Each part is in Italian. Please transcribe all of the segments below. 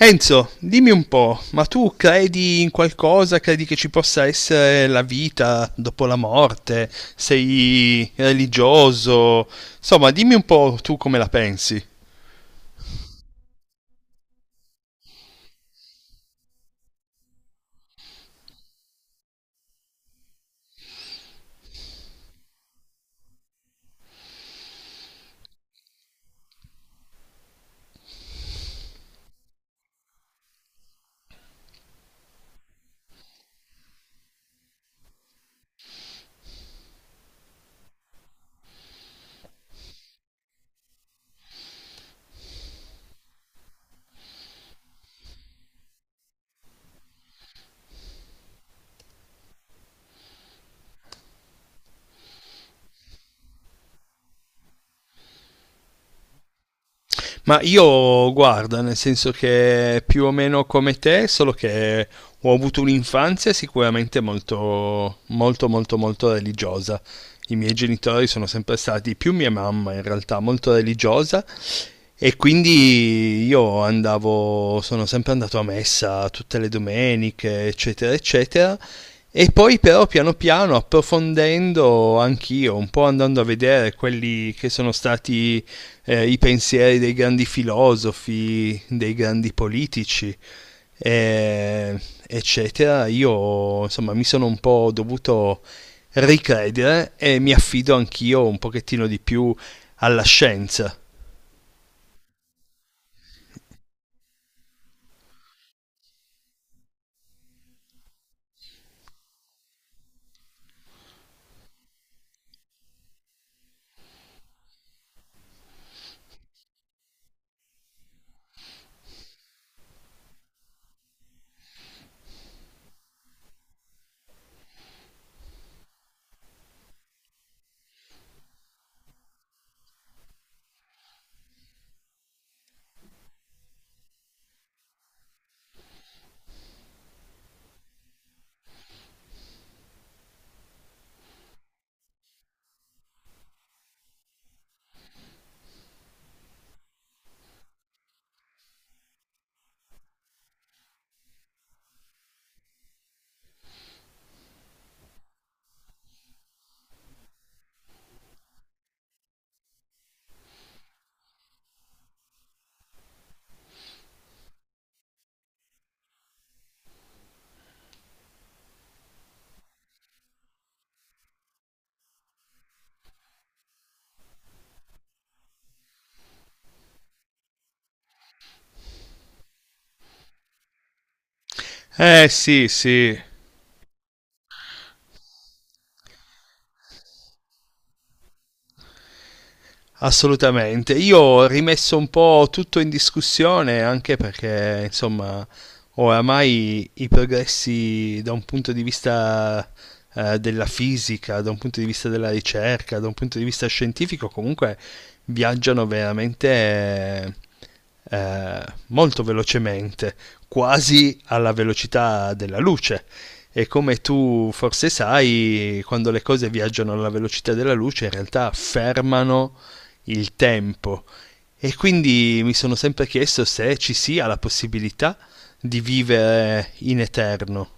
Enzo, dimmi un po', ma tu credi in qualcosa? Credi che ci possa essere la vita dopo la morte? Sei religioso? Insomma, dimmi un po' tu come la pensi. Ma io guarda, nel senso che più o meno come te, solo che ho avuto un'infanzia sicuramente molto, molto, molto, molto religiosa. I miei genitori sono sempre stati, più mia mamma in realtà, molto religiosa, e quindi io andavo, sono sempre andato a messa tutte le domeniche, eccetera, eccetera. E poi però piano piano approfondendo anch'io, un po' andando a vedere quelli che sono stati i pensieri dei grandi filosofi, dei grandi politici, eh, eccetera, io insomma mi sono un po' dovuto ricredere e mi affido anch'io un pochettino di più alla scienza. Eh sì, sì, assolutamente, io ho rimesso un po' tutto in discussione anche perché, insomma, oramai i progressi da un punto di vista della fisica, da un punto di vista della ricerca, da un punto di vista scientifico, comunque viaggiano veramente eh, molto velocemente, quasi alla velocità della luce. E come tu forse sai, quando le cose viaggiano alla velocità della luce, in realtà fermano il tempo, e quindi mi sono sempre chiesto se ci sia la possibilità di vivere in eterno.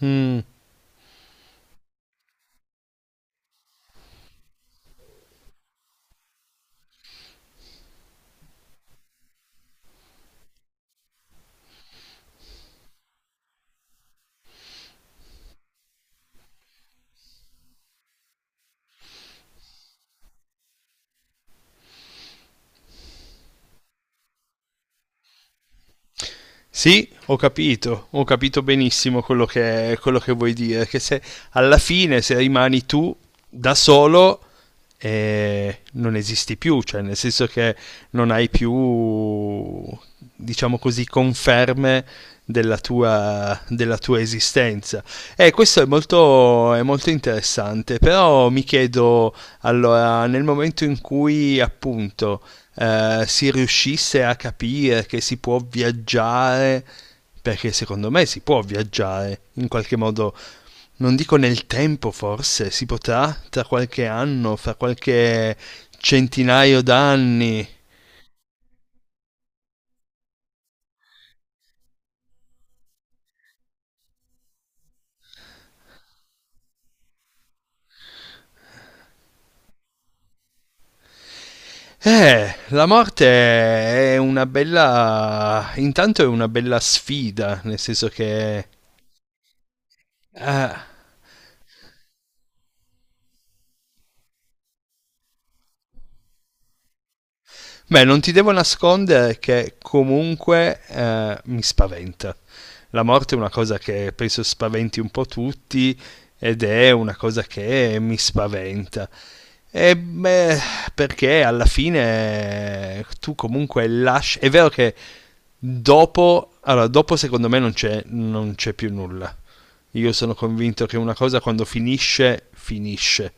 Mm. Sì, ho capito benissimo quello che vuoi dire, che se alla fine se rimani tu da solo non esisti più, cioè nel senso che non hai più, diciamo così, conferme della tua esistenza. E questo è molto interessante, però mi chiedo, allora, nel momento in cui appunto si riuscisse a capire che si può viaggiare, perché secondo me si può viaggiare in qualche modo, non dico nel tempo forse, si potrà tra qualche anno, fra qualche centinaio d'anni. La morte è una bella intanto è una bella sfida, nel senso che ah, beh, non ti devo nascondere che comunque mi spaventa. La morte è una cosa che penso spaventi un po' tutti ed è una cosa che mi spaventa. E beh, perché alla fine tu comunque lasci. È vero che dopo, allora, dopo secondo me non c'è, non c'è più nulla. Io sono convinto che una cosa quando finisce, finisce.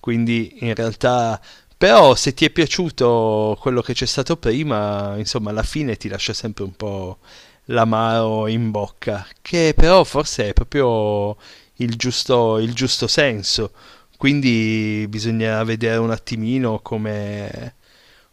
Quindi in realtà però se ti è piaciuto quello che c'è stato prima, insomma, alla fine ti lascia sempre un po' l'amaro in bocca, che però forse è proprio il giusto senso. Quindi bisognerà vedere un attimino come,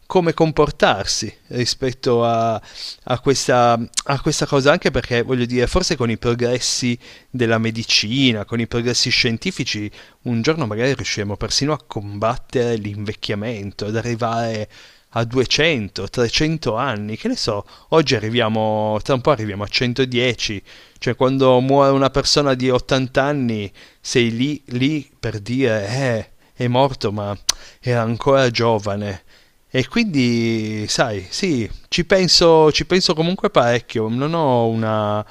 come comportarsi rispetto a, a questa, a questa cosa, anche perché voglio dire, forse con i progressi della medicina, con i progressi scientifici, un giorno magari riusciremo persino a combattere l'invecchiamento, ad arrivare a 200, 300 anni, che ne so, oggi arriviamo, tra un po' arriviamo a 110, cioè quando muore una persona di 80 anni sei lì, lì per dire, è morto ma è ancora giovane, e quindi, sai, sì, ci penso comunque parecchio, non ho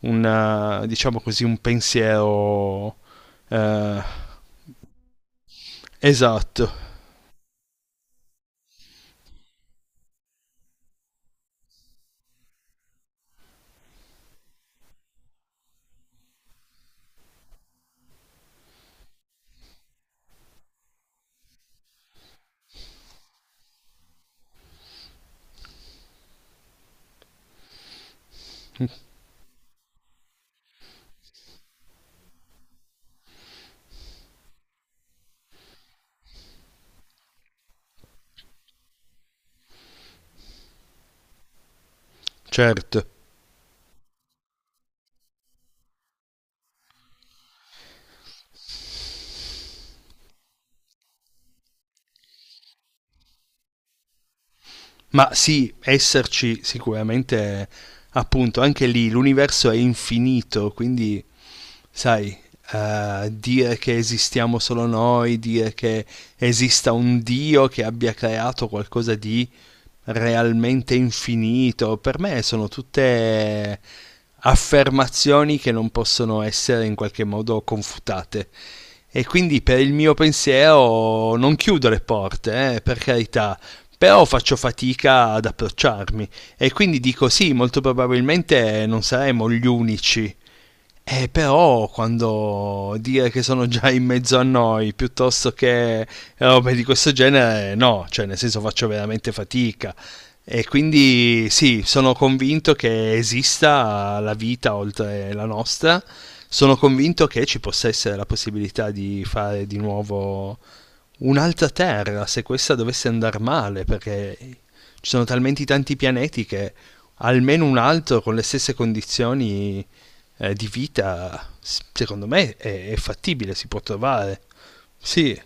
una diciamo così, un pensiero eh, esatto, certo. Ma sì, esserci sicuramente, appunto, anche lì l'universo è infinito, quindi, sai, dire che esistiamo solo noi, dire che esista un Dio che abbia creato qualcosa di realmente infinito. Per me sono tutte affermazioni che non possono essere in qualche modo confutate. E quindi per il mio pensiero non chiudo le porte, per carità, però faccio fatica ad approcciarmi e quindi dico sì, molto probabilmente non saremo gli unici però quando dire che sono già in mezzo a noi piuttosto che robe di questo genere, no, cioè nel senso faccio veramente fatica. E quindi sì, sono convinto che esista la vita oltre la nostra, sono convinto che ci possa essere la possibilità di fare di nuovo un'altra Terra se questa dovesse andar male, perché ci sono talmente tanti pianeti che almeno un altro con le stesse condizioni di vita, s- secondo me è fattibile, si può trovare. Sì,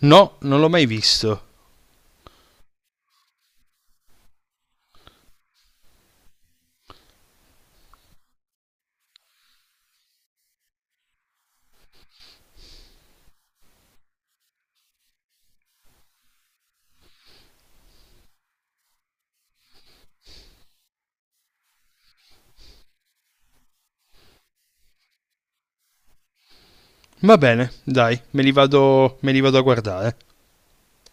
no, non l'ho mai visto. Va bene, dai, me li vado a guardare.